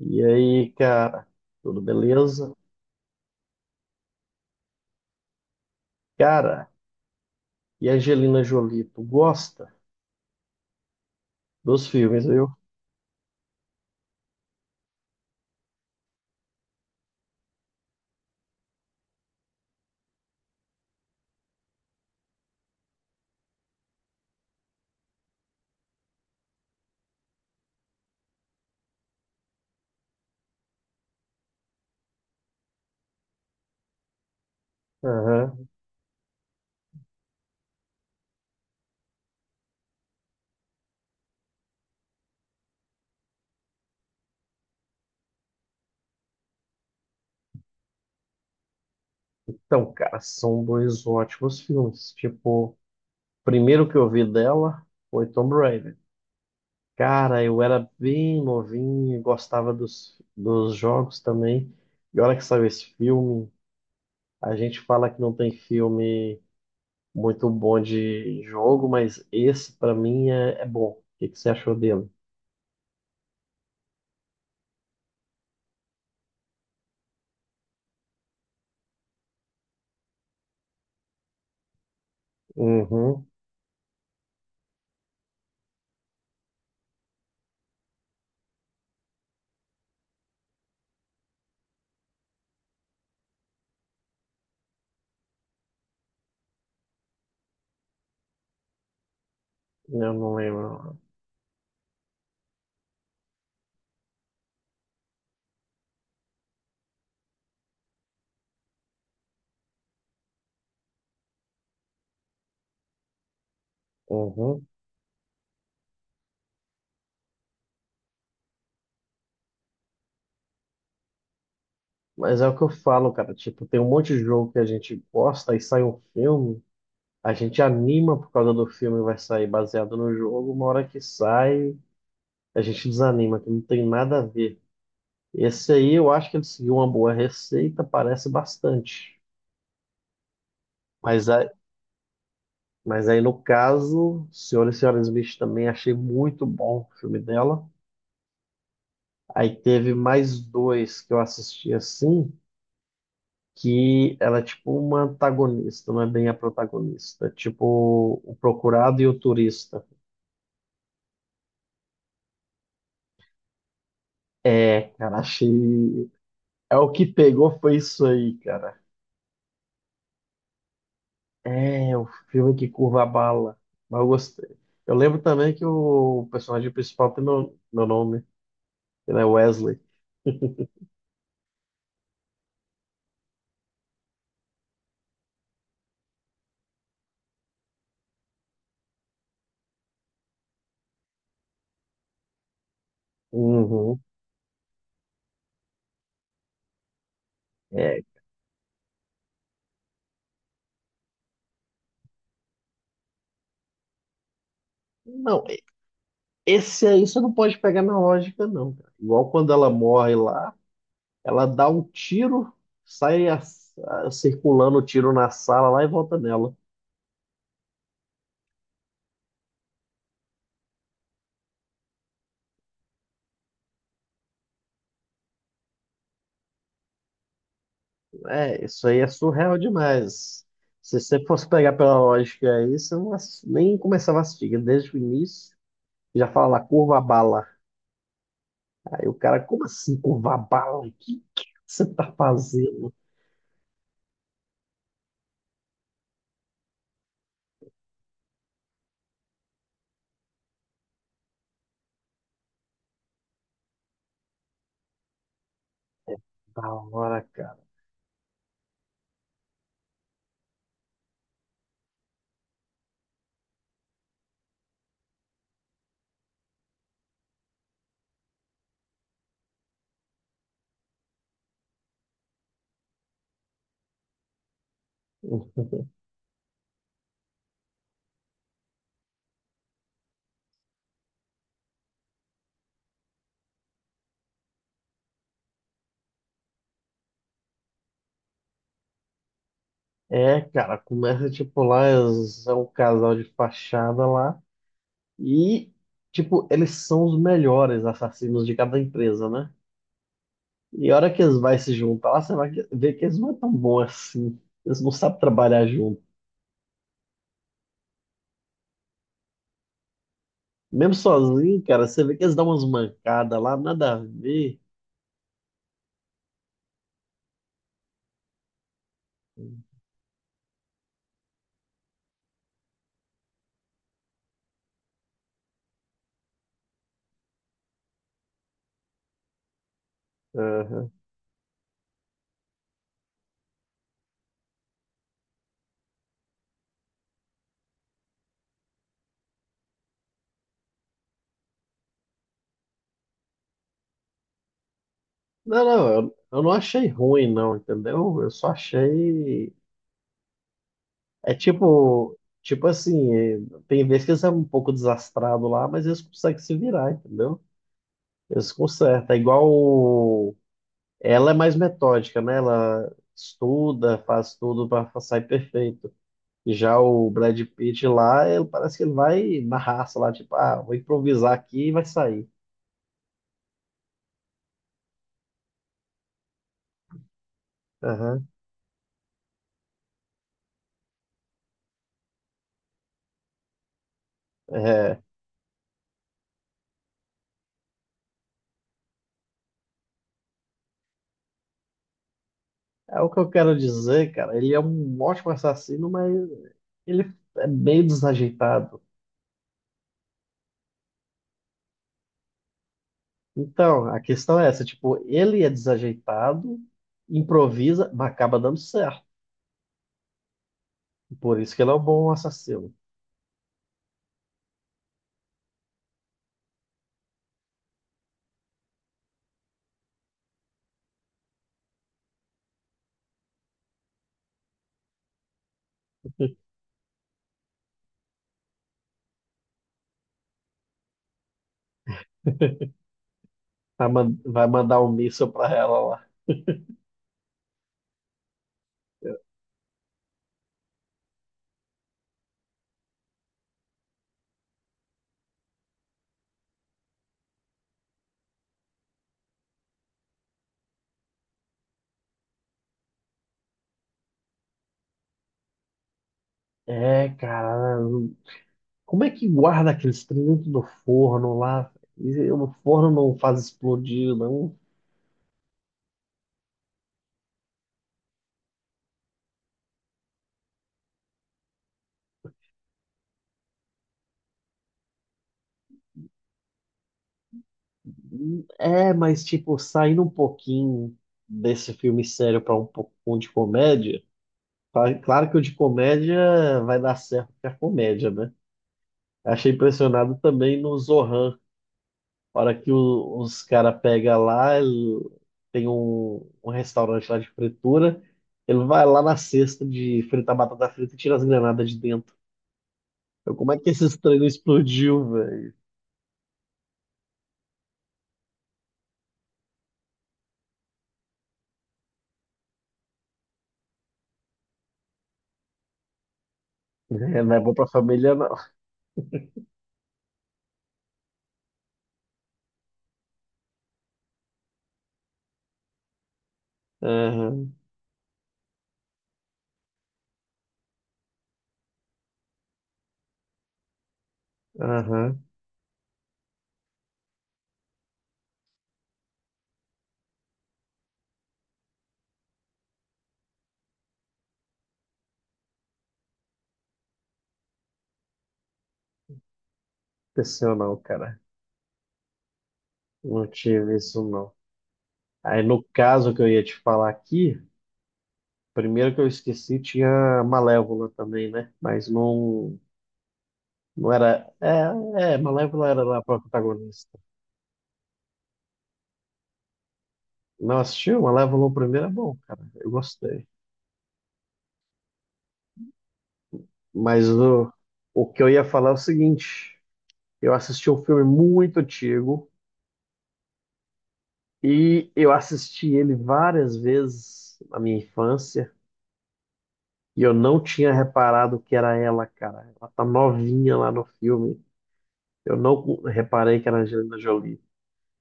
E aí, cara, tudo beleza? Cara, e a Angelina Jolie, tu gosta dos filmes, viu? Aham. Então, cara, são dois ótimos filmes. Tipo, o primeiro que eu vi dela foi Tomb Raider. Cara, eu era bem novinho, gostava dos jogos também. E olha que saiu esse filme, a gente fala que não tem filme muito bom de jogo, mas esse pra mim é bom. O que que você achou dele? Uhum, eu não lembro. Uhum. Mas é o que eu falo, cara. Tipo, tem um monte de jogo que a gente gosta e sai um filme, a gente anima por causa do filme, vai sair baseado no jogo. Uma hora que sai, a gente desanima, que não tem nada a ver. Esse aí eu acho que ele seguiu uma boa receita, parece bastante. Mas aí, mas aí no caso, Senhora e Senhora Smith também achei muito bom o filme dela. Aí teve mais dois que eu assisti assim, que ela é tipo uma antagonista, não é bem a protagonista. É tipo, o procurado e o turista. É, cara, achei. É o que pegou foi isso aí, cara. É, o filme que curva a bala. Mas eu gostei. Eu lembro também que o personagem principal tem meu nome, ele é Wesley. Uhum. É. Não, esse aí você não pode pegar na lógica, não, cara. Igual quando ela morre lá. Ela dá um tiro, sai a- circulando o tiro na sala lá e volta nela. É, isso aí é surreal demais. Se você fosse pegar pela lógica aí, você não, nem começava a assistir, porque desde o início já fala lá, curva a bala. Aí o cara, como assim curva a bala? O que, que você tá fazendo? Da hora, cara. É, cara, começa tipo lá, é um casal de fachada lá e, tipo, eles são os melhores assassinos de cada empresa, né? E a hora que eles vão se juntar, lá, você vai ver que eles não é tão bons assim. Eles não sabem trabalhar junto. Mesmo sozinho, cara, você vê que eles dão umas mancadas lá, nada a ver. Aham. Não, não, eu não achei ruim, não, entendeu? Eu só achei. É tipo. Tipo assim, é, tem vezes que eles são um pouco desastrados lá, mas eles conseguem se virar, entendeu? Eles consertam. É igual. Ela é mais metódica, né? Ela estuda, faz tudo para sair perfeito. Já o Brad Pitt lá, ele parece que ele vai na raça lá, tipo, ah, vou improvisar aqui e vai sair. Aham. É, é o que eu quero dizer, cara. Ele é um ótimo assassino, mas ele é meio desajeitado. Então, a questão é essa, tipo, ele é desajeitado, improvisa, mas acaba dando certo. Por isso que ele é um bom assassino. Vai mandar um míssil pra ela lá. É, cara, como é que guarda aqueles trem dentro do forno lá? E o forno não faz explodir, não. É, mas tipo, saindo um pouquinho desse filme sério para um pouco de comédia, tá- claro que o de comédia vai dar certo porque é comédia, né? Achei impressionado também no Zohan, a hora que os caras pegam lá, tem um restaurante lá de fritura, ele vai lá na cesta de fritar batata frita e tira as granadas de dentro. Eu Como é que esses treinos explodiu, velho? É, não é bom pra família, não. Aham, aham. Aconteceu não, cara. Não tive isso, não. Aí, no caso que eu ia te falar aqui, primeiro que eu esqueci, tinha Malévola também, né? Mas não, não era... É, é, Malévola era lá pra protagonista. Não assistiu? Malévola o primeiro é bom, cara. Eu gostei. Mas o que eu ia falar é o seguinte. Eu assisti um filme muito antigo, e eu assisti ele várias vezes na minha infância e eu não tinha reparado que era ela, cara. Ela tá novinha lá no filme. Eu não reparei que era a Angelina Jolie.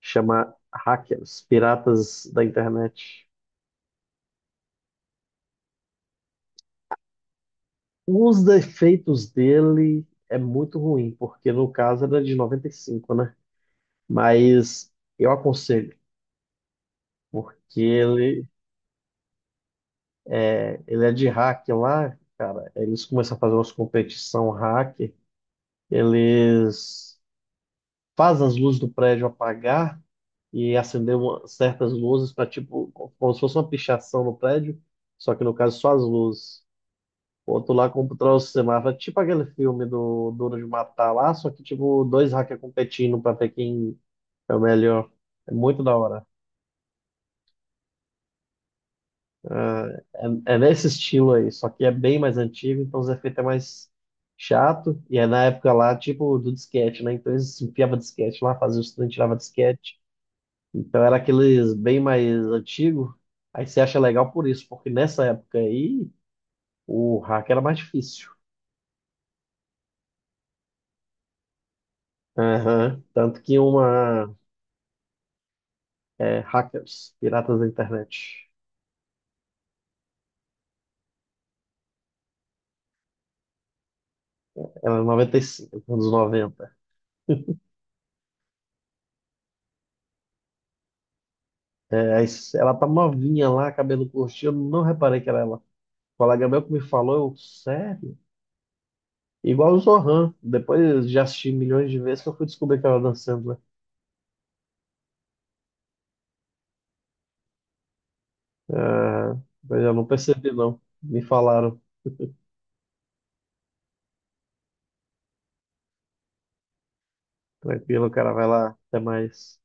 Chama Hackers, Piratas da Internet. Os defeitos dele é muito ruim, porque no caso era de 95, né? Mas eu aconselho, porque ele é de hack lá, cara. Eles começam a fazer umas competição hack. Eles fazem as luzes do prédio apagar e acender uma- certas luzes para tipo, como se fosse uma pichação no prédio, só que no caso só as luzes. O outro lá controla o semáforo, tipo aquele filme do Duro de Matar lá, só que tipo dois hackers competindo para ver quem é o melhor. É muito da hora. É nesse estilo aí, só que é bem mais antigo, então os efeitos é mais chato. E é na época lá, tipo, do disquete, né? Então eles enfiavam disquete lá, faziam os trem, tirava disquete. Então era aqueles bem mais antigo. Aí você acha legal por isso, porque nessa época aí o hack era mais difícil. Aham. Tanto que uma é, Hackers, Piratas da Internet, era 95, anos 90. É, aí ela tá novinha lá, cabelo curtinho, eu não reparei que era ela. O colega meu que me falou, eu, sério? Igual o Zohan. Depois já assisti milhões de vezes que eu fui descobrir que ela dançando, né? Ah, mas eu não percebi, não. Me falaram, tranquilo, cara, vai lá, até mais.